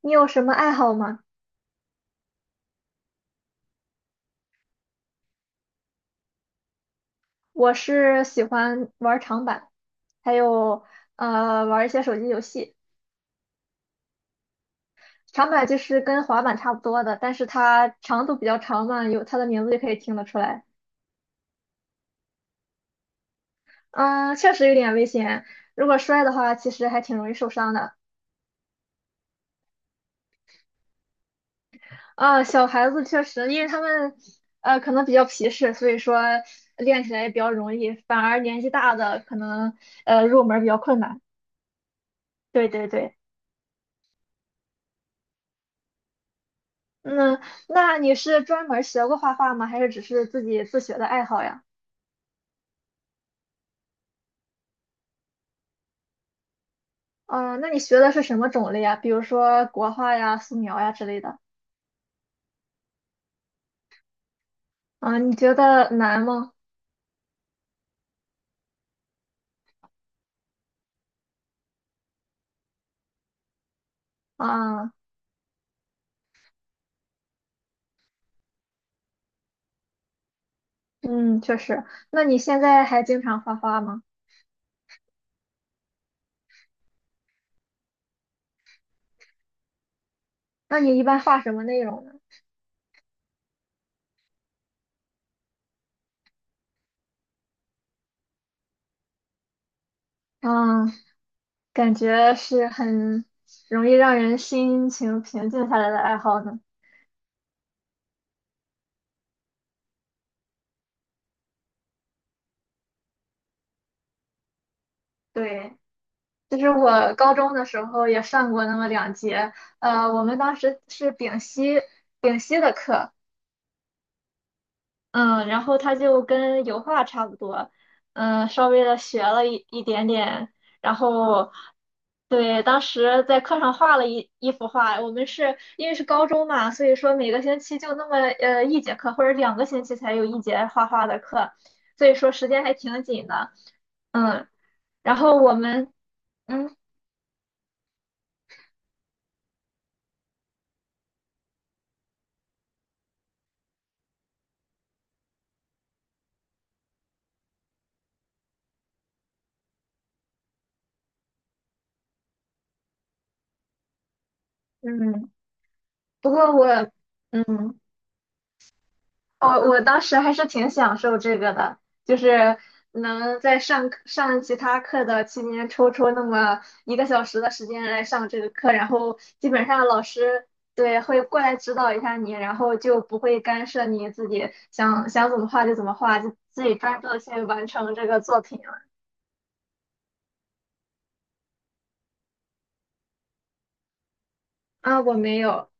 你有什么爱好吗？我是喜欢玩长板，还有玩一些手机游戏。长板就是跟滑板差不多的，但是它长度比较长嘛，有它的名字就可以听得出来。嗯，确实有点危险，如果摔的话，其实还挺容易受伤的。啊，小孩子确实，因为他们可能比较皮实，所以说练起来也比较容易，反而年纪大的可能入门比较困难。对对对。嗯，那你是专门学过画画吗？还是只是自己自学的爱好呀？啊、那你学的是什么种类呀？比如说国画呀、素描呀之类的。啊、你觉得难吗？啊、嗯，确实。那你现在还经常画画吗？那你一般画什么内容呢？嗯，感觉是很容易让人心情平静下来的爱好呢。对，就是我高中的时候也上过那么2节，我们当时是丙烯的课，嗯，然后他就跟油画差不多，嗯，稍微的学了一点点，然后对，当时在课上画了一幅画，我们是因为是高中嘛，所以说每个星期就那么1节课或者2个星期才有一节画画的课，所以说时间还挺紧的，嗯，然后我们嗯嗯，不过我嗯。我当时还是挺享受这个的，就是能在上课上其他课的期间抽出那么1个小时的时间来上这个课，然后基本上老师对会过来指导一下你，然后就不会干涉你自己想想怎么画就怎么画，就自己专注的去完成这个作品了。啊，我没有。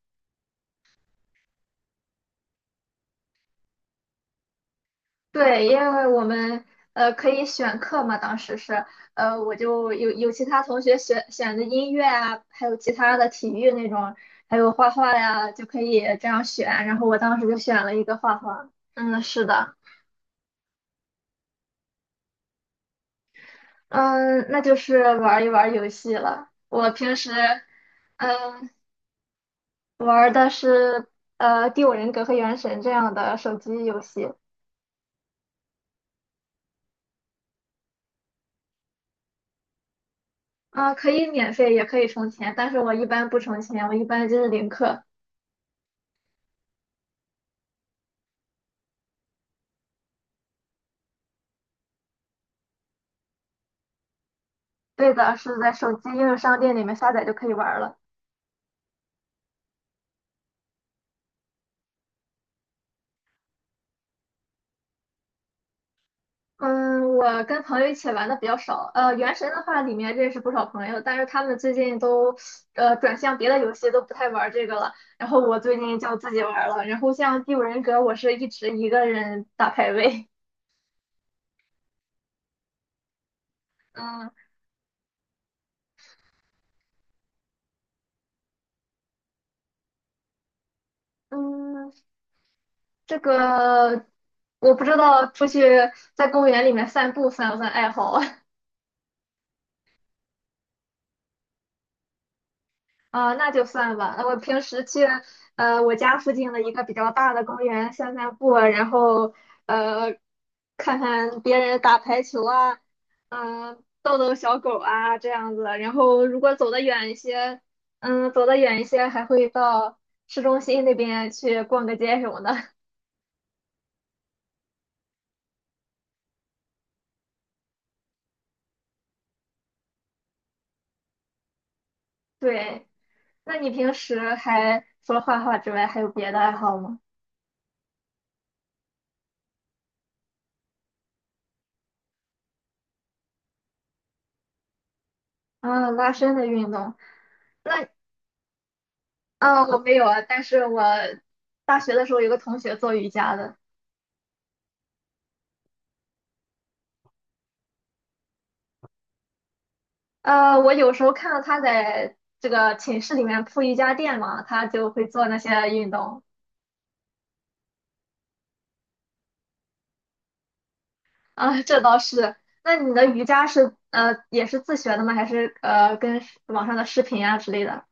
对，因为我们可以选课嘛，当时是我就有其他同学选的音乐啊，还有其他的体育那种，还有画画呀，就可以这样选。然后我当时就选了一个画画。嗯，是的，嗯，那就是玩一玩游戏了。我平时嗯玩的是《第五人格》和《原神》这样的手机游戏。啊、可以免费，也可以充钱，但是我一般不充钱，我一般就是零氪。对的，是在手机应用商店里面下载就可以玩儿了。嗯，我跟朋友一起玩的比较少。原神的话，里面认识不少朋友，但是他们最近都转向别的游戏，都不太玩这个了。然后我最近就自己玩了。然后像《第五人格》，我是一直一个人打排位。嗯嗯，这个我不知道出去在公园里面散步算不算爱好啊。啊、那就算吧。那我平时去我家附近的一个比较大的公园散散步啊然后呃看看别人打排球啊，逗逗小狗啊这样子。然后如果走得远一些，走得远一些还会到市中心那边去逛个街什么的。对，那你平时还除了画画之外，还有别的爱好吗？啊，拉伸的运动。那啊，我没有啊，但是我大学的时候有个同学做瑜伽的，我有时候看到他在这个寝室里面铺瑜伽垫嘛，他就会做那些运动啊，这倒是。那你的瑜伽是也是自学的吗？还是跟网上的视频啊之类的？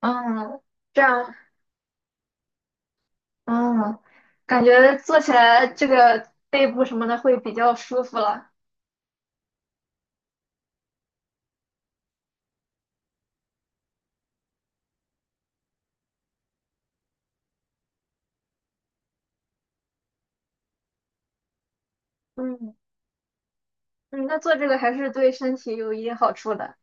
嗯，这样，嗯，感觉做起来这个背部什么的会比较舒服了。嗯嗯，那做这个还是对身体有一定好处的。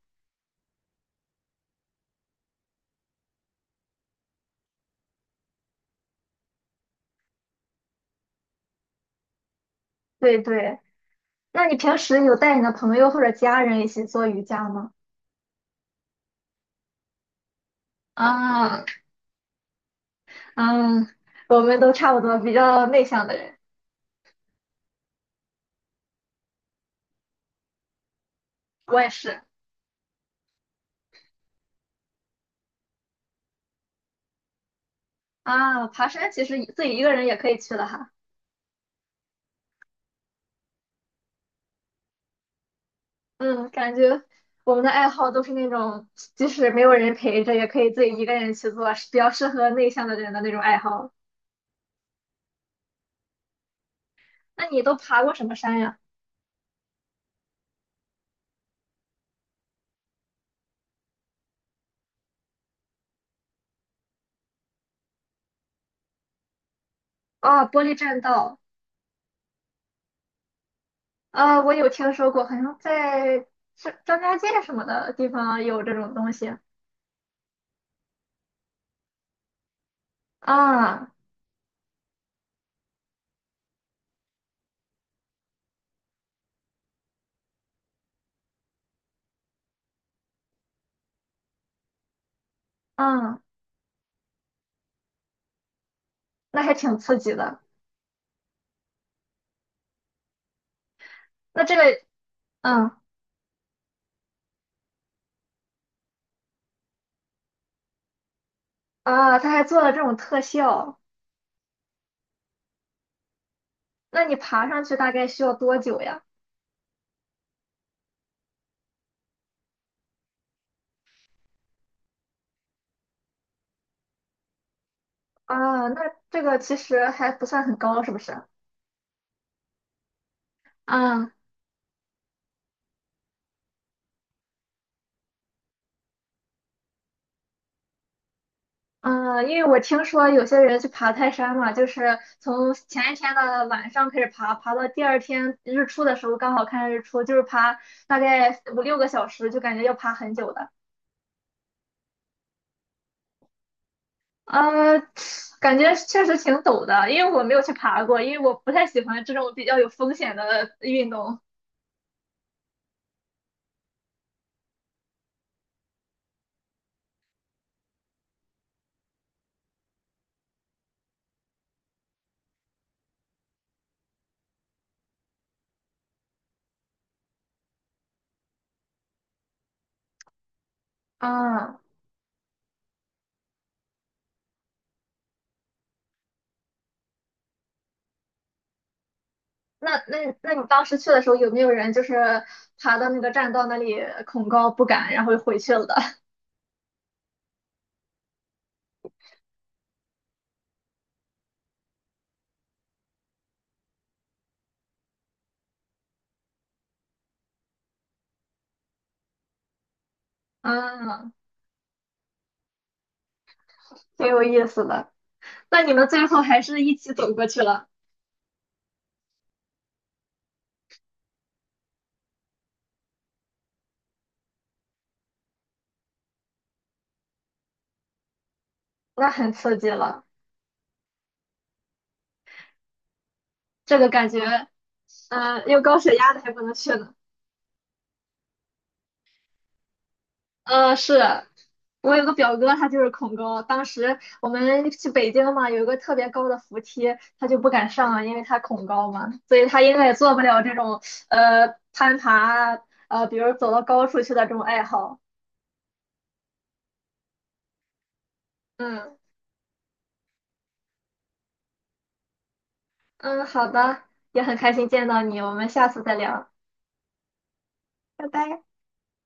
对对。那你平时有带你的朋友或者家人一起做瑜伽吗？啊，嗯，我们都差不多，比较内向的人，我也是。啊，爬山其实自己一个人也可以去的哈。嗯，感觉我们的爱好都是那种，即使没有人陪着，也可以自己一个人去做，是比较适合内向的人的那种爱好。那你都爬过什么山呀？啊，玻璃栈道。啊，我有听说过，好像是张家界什么的地方有这种东西。啊，啊。那还挺刺激的。那这个，嗯他还做了这种特效，那你爬上去大概需要多久呀？啊，那这个其实还不算很高，是不是？嗯嗯，因为我听说有些人去爬泰山嘛，就是从前一天的晚上开始爬，爬到第二天日出的时候刚好看日出，就是爬大概5、6个小时，就感觉要爬很久的。呃，感觉确实挺陡的，因为我没有去爬过，因为我不太喜欢这种比较有风险的运动。啊，那你当时去的时候有没有人就是爬到那个栈道那里恐高不敢，然后又回去了的？嗯，挺有意思的。那你们最后还是一起走过去了，那很刺激了。这个感觉，有高血压的还不能去呢。是我有个表哥，他就是恐高。当时我们去北京嘛，有一个特别高的扶梯，他就不敢上，因为他恐高嘛，所以他应该也做不了这种攀爬，比如走到高处去的这种爱好。嗯嗯，好的，也很开心见到你，我们下次再聊，拜拜。